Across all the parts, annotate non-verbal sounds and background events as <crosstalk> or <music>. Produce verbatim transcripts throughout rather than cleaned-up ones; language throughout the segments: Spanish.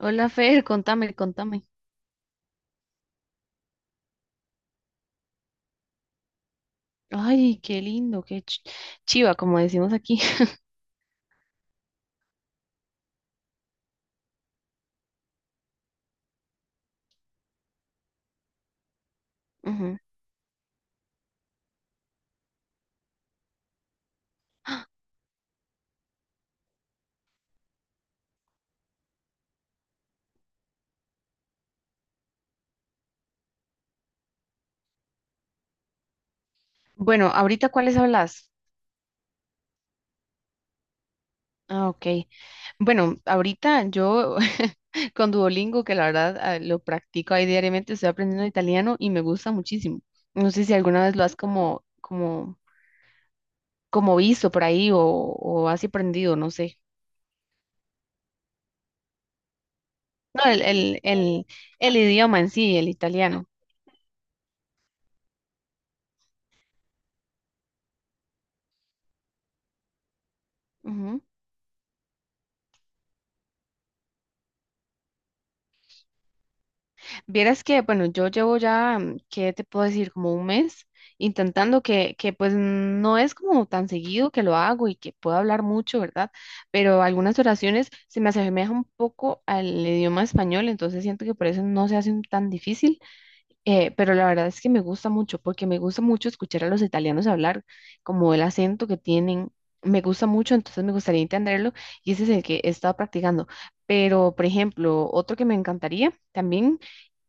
Hola Fer, contame, contame. Ay, qué lindo, qué ch- chiva, como decimos aquí. <laughs> Ujú. Bueno, ahorita ¿cuáles hablas? Ah, ok. Bueno, ahorita yo <laughs> con Duolingo, que la verdad ah, lo practico ahí diariamente, estoy aprendiendo italiano y me gusta muchísimo. No sé si alguna vez lo has como, como, como visto por ahí o, o has aprendido, no sé. No, el, el, el, el idioma en sí, el italiano. Ujú. Vieras que, bueno, yo llevo ya, mm, ¿qué te puedo decir? Como un mes intentando que, que pues no es como tan seguido que lo hago y que puedo hablar mucho, ¿verdad? Pero algunas oraciones se me asemejan un poco al idioma español, entonces siento que por eso no se hacen tan difícil, eh, pero la verdad es que me gusta mucho, porque me gusta mucho escuchar a los italianos hablar, como el acento que tienen. Me gusta mucho, entonces me gustaría entenderlo y ese es el que he estado practicando. Pero, por ejemplo, otro que me encantaría también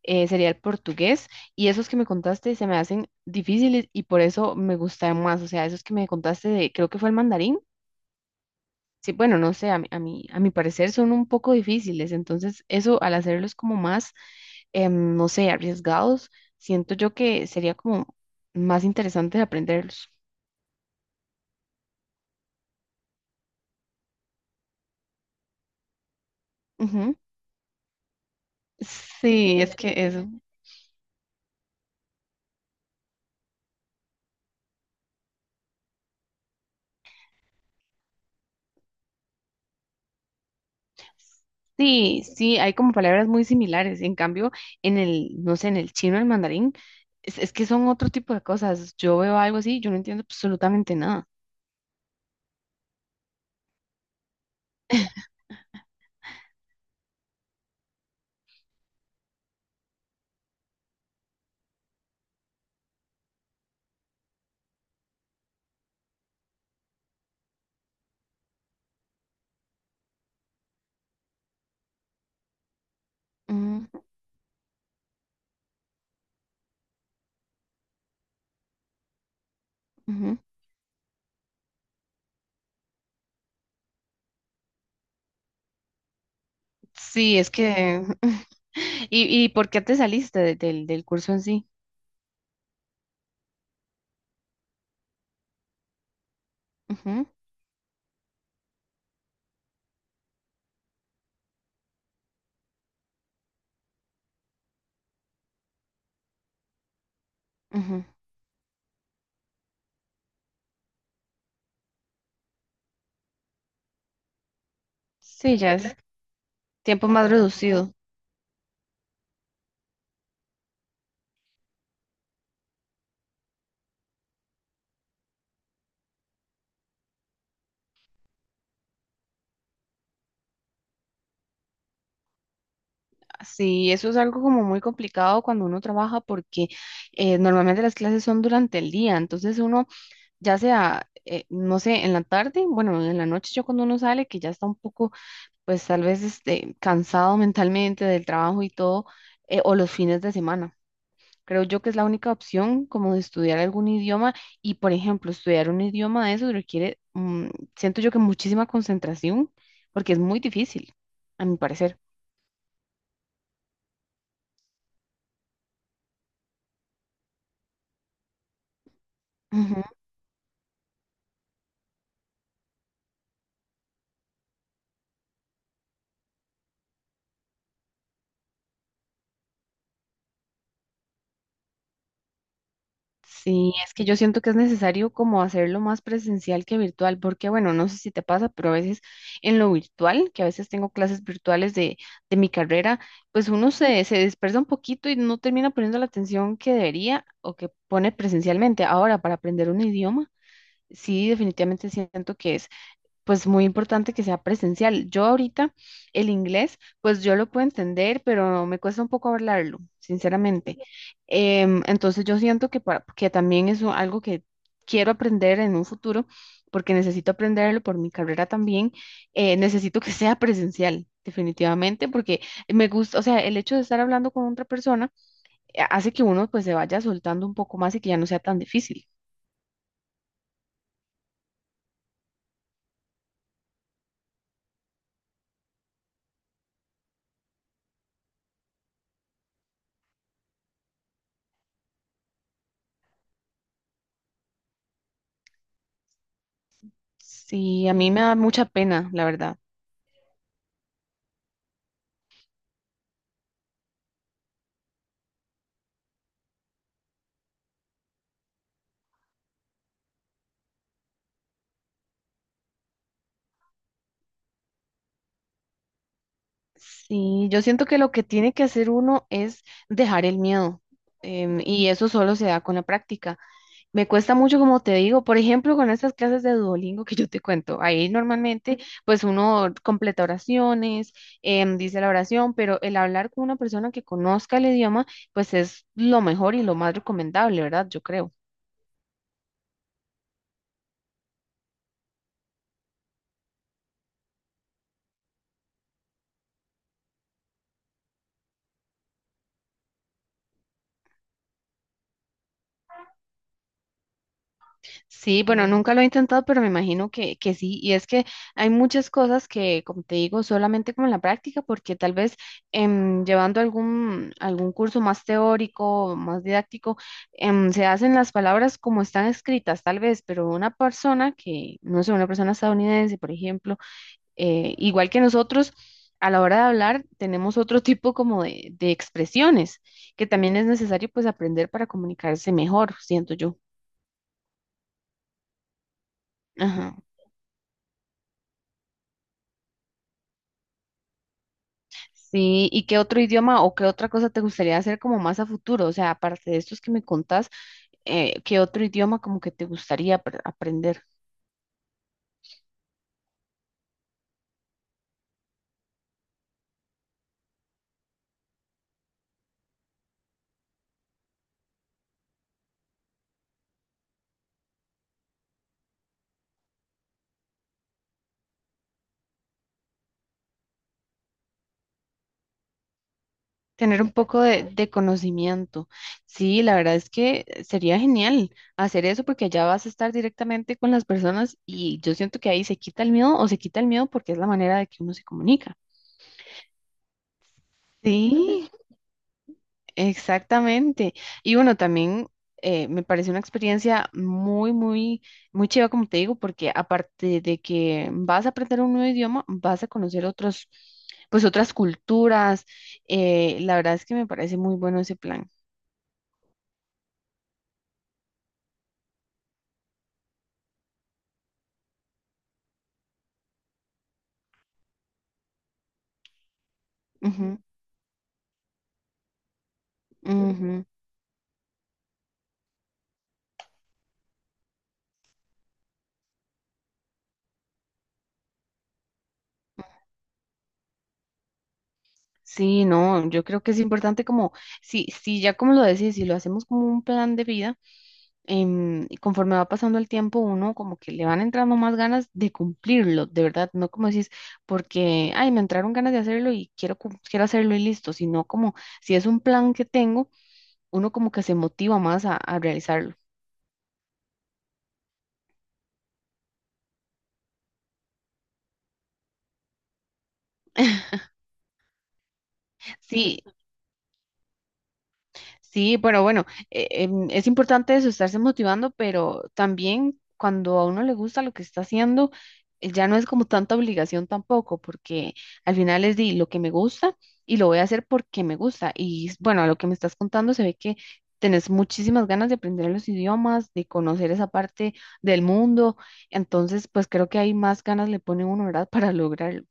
eh, sería el portugués y esos que me contaste se me hacen difíciles y por eso me gustan más, o sea, esos que me contaste de, creo que fue el mandarín, sí, bueno, no sé, a mi, a mi, a mi parecer son un poco difíciles, entonces eso al hacerlos como más, em, no sé, arriesgados, siento yo que sería como más interesante de aprenderlos. Ujú. Sí, es que es sí, sí, hay como palabras muy similares. En cambio, en el, no sé, en el chino, el mandarín, es, es que son otro tipo de cosas. Yo veo algo así, yo no entiendo absolutamente nada. Ujú, ujú. Sí, es que... <laughs> ¿Y, y por qué te saliste de- del, del curso en sí? Ujú, ujú. Sí, ya es tiempo más reducido. Sí, eso es algo como muy complicado cuando uno trabaja porque eh, normalmente las clases son durante el día, entonces uno ya sea, eh, no sé, en la tarde, bueno, en la noche yo cuando uno sale, que ya está un poco, pues tal vez este, cansado mentalmente del trabajo y todo, eh, o los fines de semana. Creo yo que es la única opción como de estudiar algún idioma y, por ejemplo, estudiar un idioma de eso requiere, mm, siento yo que muchísima concentración, porque es muy difícil, a mi parecer. Sí, es que yo siento que es necesario como hacerlo más presencial que virtual, porque bueno, no sé si te pasa, pero a veces en lo virtual, que a veces tengo clases virtuales de, de mi carrera, pues uno se, se dispersa un poquito y no termina poniendo la atención que debería o que pone presencialmente. Ahora, para aprender un idioma, sí, definitivamente siento que es pues muy importante que sea presencial. Yo ahorita el inglés, pues yo lo puedo entender, pero me cuesta un poco hablarlo, sinceramente. Em, entonces yo siento que, para, que también es un- algo que quiero aprender en un futuro, porque necesito aprenderlo por mi carrera también. eh, necesito que sea presencial. Definitivamente, porque me gusta, o sea, el hecho de estar hablando con otra persona eh, hace que uno pues se vaya soltando un poco más y que ya no sea tan difícil. Sí, a mí me da mucha pena, la verdad. Sí, yo siento que lo que tiene que hacer uno es dejar el miedo. em, y eso solo se da con la práctica. Me cuesta mucho, como te digo, por ejemplo, con estas clases de Duolingo que yo te cuento. Ahí normalmente, pues uno completa oraciones, em, dice la oración, pero el hablar con una persona que conozca el idioma, pues es lo mejor y lo más recomendable, ¿verdad? Yo creo. Sí, bueno, nunca lo he intentado, pero me imagino que, que sí. Y es que hay muchas cosas que, como te digo, solamente como en la práctica, porque tal vez em, llevando algún, algún curso más teórico, más didáctico, em, se hacen las palabras como están escritas, tal vez, pero una persona que, no sé, una persona estadounidense, por ejemplo, eh, igual que nosotros, a la hora de hablar, tenemos otro tipo como de, de expresiones, que también es necesario pues aprender para comunicarse mejor, siento yo. Ajá. Sí, ¿y qué otro idioma o qué otra cosa te gustaría hacer como más a futuro? O sea, aparte de estos que me contás, eh, ¿qué otro idioma como que te gustaría apr- aprender? Tener un poco de, de conocimiento. Sí, la verdad es que sería genial hacer eso porque allá vas a estar directamente con las personas y yo siento que ahí se quita el miedo o se quita el miedo porque es la manera de que uno se comunica. Sí. Exactamente. Y bueno, también eh, me pareció una experiencia muy, muy, muy chiva, como te digo, porque aparte de que vas a aprender un nuevo idioma, vas a conocer otros, pues otras culturas. Eh, la verdad es que me parece muy bueno ese plan. Ujú, ujú. Sí, no, yo creo que es importante como, si, si ya como lo decís, si lo hacemos como un plan de vida. em, y conforme va pasando el tiempo, uno como que le van entrando más ganas de cumplirlo, de verdad, no como decís, porque, ay, me entraron ganas de hacerlo y quiero, cum- quiero hacerlo y listo, sino como si es un plan que tengo, uno como que se motiva más a, a realizarlo. Sí, sí, pero bueno, eh, em, es importante eso, estarse motivando, pero también cuando a uno le gusta lo que está haciendo, eh, ya no es como tanta obligación tampoco, porque al final es di lo que me gusta y lo voy a hacer porque me gusta. Y bueno, a lo que me estás contando se ve que tenés muchísimas ganas de aprender los idiomas, de conocer esa parte del mundo, entonces pues creo que hay más ganas le pone uno, ¿verdad? <laughs> Para lograrlo.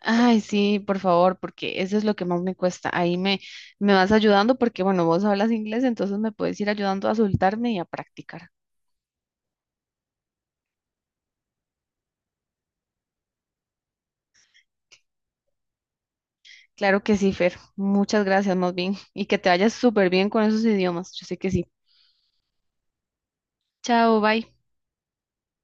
Ay, sí, por favor, porque eso es lo que más me cuesta. Ahí me, me vas ayudando porque, bueno, vos hablas inglés, entonces me puedes ir ayudando a soltarme y a practicar. Claro que sí, Fer. Muchas gracias, más bien. Y que te vayas súper bien con esos idiomas. Yo sé que sí. Chao, bye.